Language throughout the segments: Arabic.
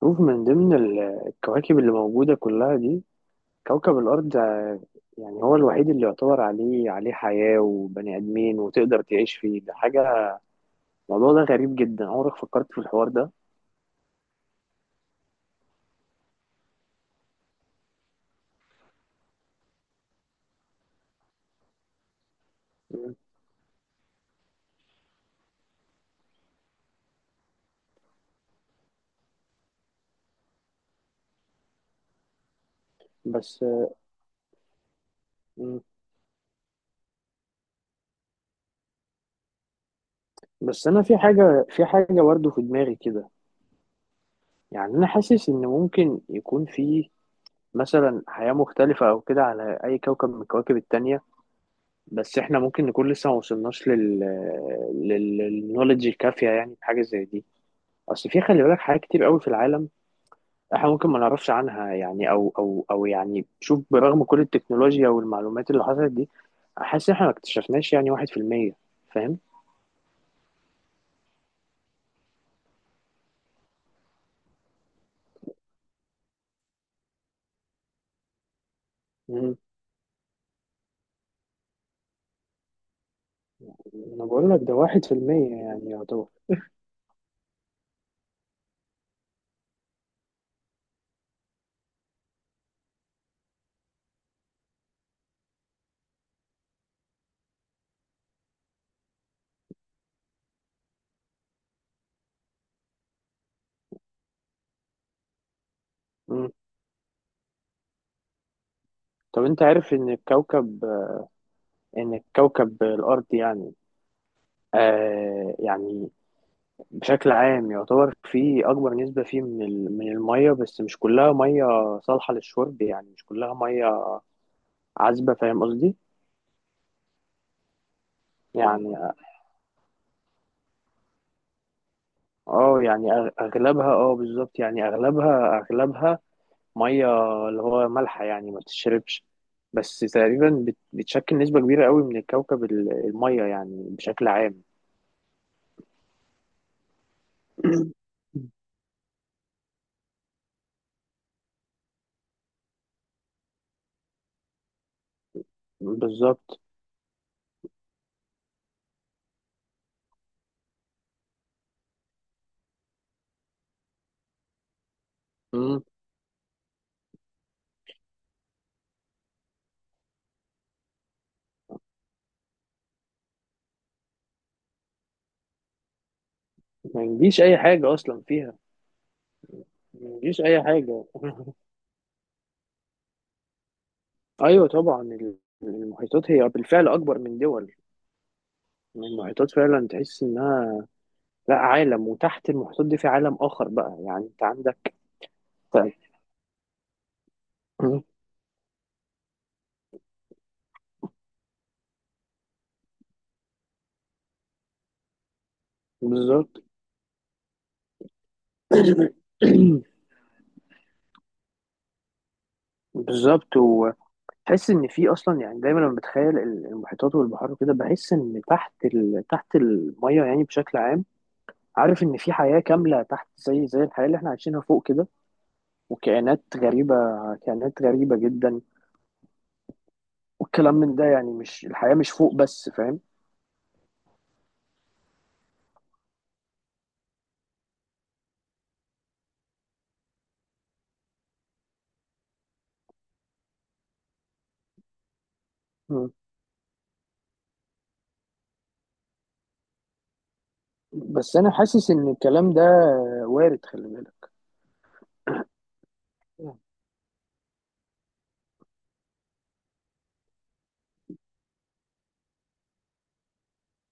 شوف، من ضمن الكواكب اللي موجودة كلها دي كوكب الأرض. يعني هو الوحيد اللي يعتبر عليه حياة وبني آدمين وتقدر تعيش فيه، ده حاجة. الموضوع ده غريب جدا، عمرك فكرت في الحوار ده؟ مم. بس مم. بس أنا في حاجة برضه في دماغي كده. يعني أنا حاسس إن ممكن يكون في مثلا حياة مختلفة أو كده على أي كوكب من الكواكب التانية، بس إحنا ممكن نكون لسه ما وصلناش للنولج الكافية، يعني في حاجة زي دي. اصل في، خلي بالك، حاجات كتير قوي في العالم احنا ممكن ما نعرفش عنها. يعني او او او يعني شوف، برغم كل التكنولوجيا والمعلومات اللي حصلت دي، حاسس احنا ما اكتشفناش يعني واحد في المية. فاهم؟ مم. انا بقول لك ده واحد في المية يعني يعتبر. مم. طب انت عارف ان الكوكب الارض يعني، يعني بشكل عام يعتبر فيه اكبر نسبة فيه من من المية. بس مش كلها مية صالحة للشرب، يعني مش كلها مية عذبة، فاهم قصدي؟ يعني اه يعني اغلبها، اه بالظبط، يعني اغلبها ميه، اللي هو مالحه يعني ما بتشربش. بس تقريبا بتشكل نسبه كبيره قوي من الكوكب الميه يعني بشكل عام. بالظبط. مم. ما يجيش اي حاجه اصلا فيها. ما يجيش اي حاجه. ايوه طبعا المحيطات هي بالفعل اكبر من دول. المحيطات فعلا تحس انها لا عالم، وتحت المحيطات دي في عالم اخر، بقى يعني انت عندك. مم. بالظبط. بالظبط، وتحس ان في اصلا، يعني دايما لما بتخيل المحيطات والبحار وكده بحس ان تحت الميه يعني بشكل عام، عارف ان في حياه كامله تحت، زي الحياه اللي احنا عايشينها فوق كده، وكائنات غريبه، كائنات غريبه جدا، والكلام من ده، يعني مش الحياه مش فوق بس، فاهم. مم. بس انا حاسس ان الكلام ده وارد، خلي بالك.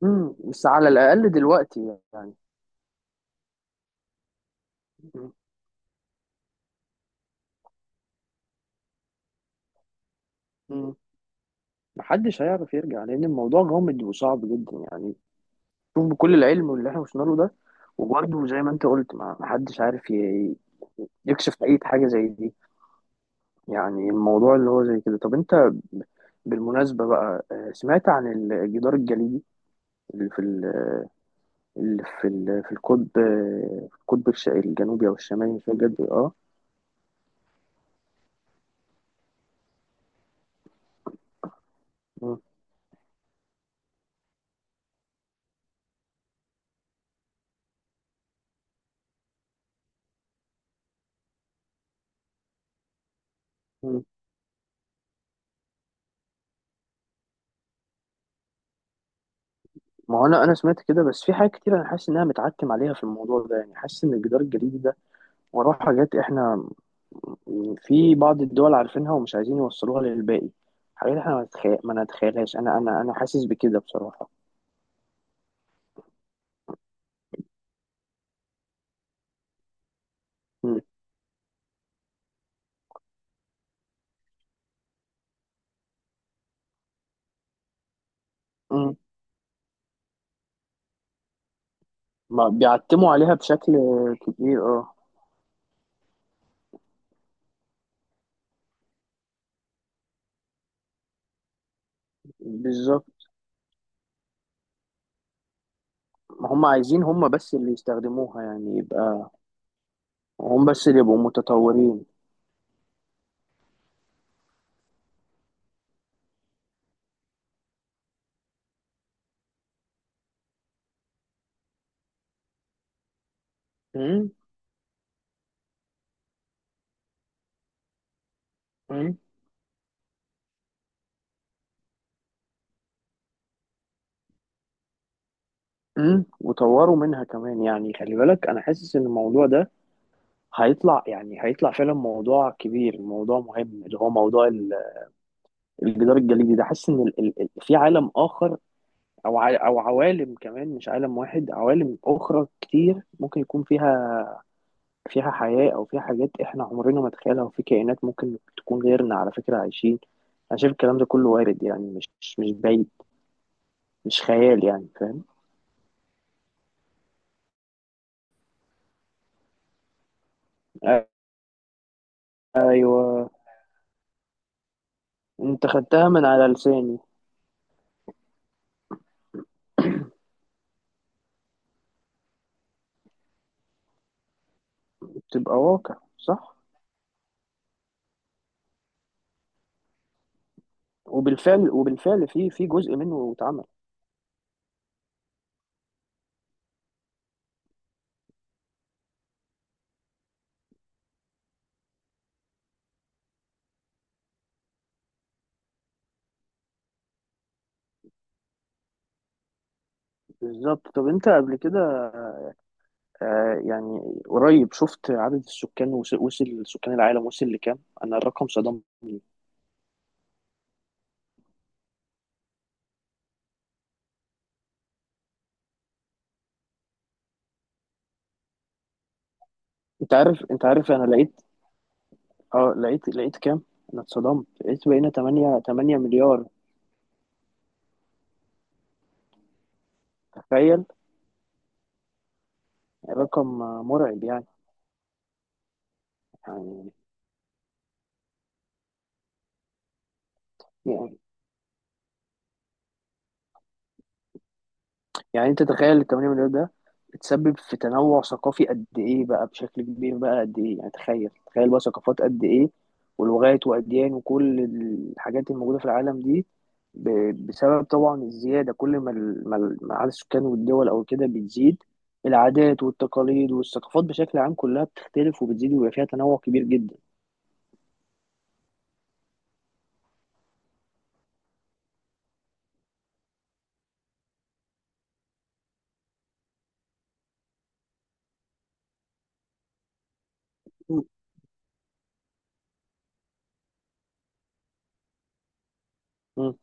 مم. بس على الاقل دلوقتي يعني. مم. مم. محدش هيعرف يرجع لان الموضوع غامض وصعب جدا يعني. شوف، بكل العلم واللي احنا وصلنا له ده، وبرده زي ما انت قلت، ما حدش عارف يكشف اي حاجه زي دي. يعني الموضوع اللي هو زي كده، طب انت بالمناسبه بقى، سمعت عن الجدار الجليدي اللي في ال- في القطب، في القطب الجنوبي او الشمالي مش فاكر بجد. اه. مم. مم. ما هو انا سمعت كده، بس في حاجات كتير انا حاسس انها متعتم عليها في الموضوع ده. يعني حاسس ان الجدار الجليدي ده وراه حاجات احنا في بعض الدول عارفينها ومش عايزين يوصلوها للباقي. حاجات احنا ما نتخيلهاش، انا حاسس بكده بصراحة. مم. مم. ما بيعتموا عليها بشكل كبير اه. بالظبط، ما هم عايزين هم بس اللي يستخدموها يعني، يبقى هم بس اللي يبقوا متطورين. مم. مم. مم. وطوروا منها كمان. يعني خلي بالك، انا حاسس ان الموضوع ده هيطلع، يعني فعلا موضوع كبير، موضوع مهم، اللي هو موضوع الجدار الجليدي ده. حاسس ان في عالم اخر، او عوالم كمان، مش عالم واحد، عوالم اخرى كتير ممكن يكون فيها، حياة، او فيها حاجات احنا عمرنا ما نتخيلها، وفي كائنات ممكن تكون غيرنا على فكرة عايشين. انا شايف الكلام ده كله وارد، يعني مش بعيد، مش خيال يعني، فاهم. ايوه. انت خدتها من على لساني. بتبقى واقع صح. وبالفعل في جزء منه اتعمل. بالظبط، طب انت قبل كده، آه يعني قريب، شفت عدد السكان؟ وصل سكان العالم، وصل لكام؟ انا الرقم صدمني. انت عارف انا لقيت، اه لقيت، كام؟ انا اتصدمت، لقيت بقينا 8 8 مليار. تخيل. رقم مرعب يعني يعني يعني انت تخيل ال 8 مليار ده بتسبب في تنوع ثقافي قد ايه بقى، بشكل كبير بقى، قد ايه يعني، تخيل بقى ثقافات قد ايه، ولغات واديان وكل الحاجات الموجوده في العالم دي بسبب طبعا الزياده. كل ما عدد السكان والدول او كده بتزيد، العادات والتقاليد والثقافات بشكل عام كلها بتختلف وبتزيد، ويبقى فيها تنوع كبير جدا. مم.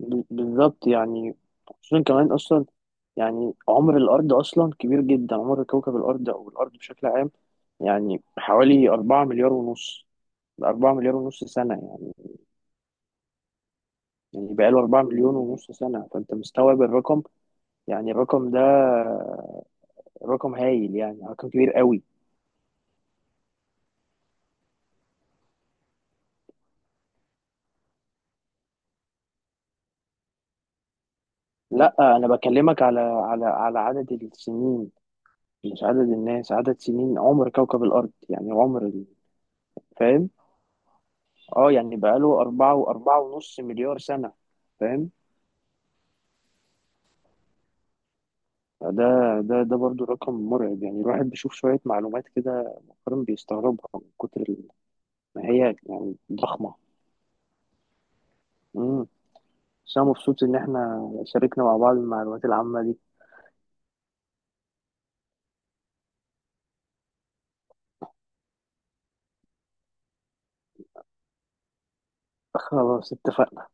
بالظبط يعني، خصوصا كمان اصلا، يعني عمر الارض اصلا كبير جدا، عمر كوكب الارض او الارض بشكل عام يعني حوالي 4 مليار ونص، 4 مليار ونص سنة يعني بقاله 4 مليون ونص سنة، فأنت مستوعب الرقم يعني، الرقم ده رقم هايل يعني، رقم كبير قوي. لا أنا بكلمك على على عدد السنين، مش عدد الناس، عدد سنين عمر كوكب الأرض، يعني عمر فاهم. اه يعني بقاله أربعة وأربعة ونص مليار سنة، فاهم. ده ده برضو رقم مرعب، يعني الواحد بيشوف شوية معلومات كده فعلا بيستغربها، من كتر ما هي يعني ضخمة. امم بس أنا مبسوط إن إحنا شاركنا مع بعض المعلومات العامة دي. خلاص اتفقنا.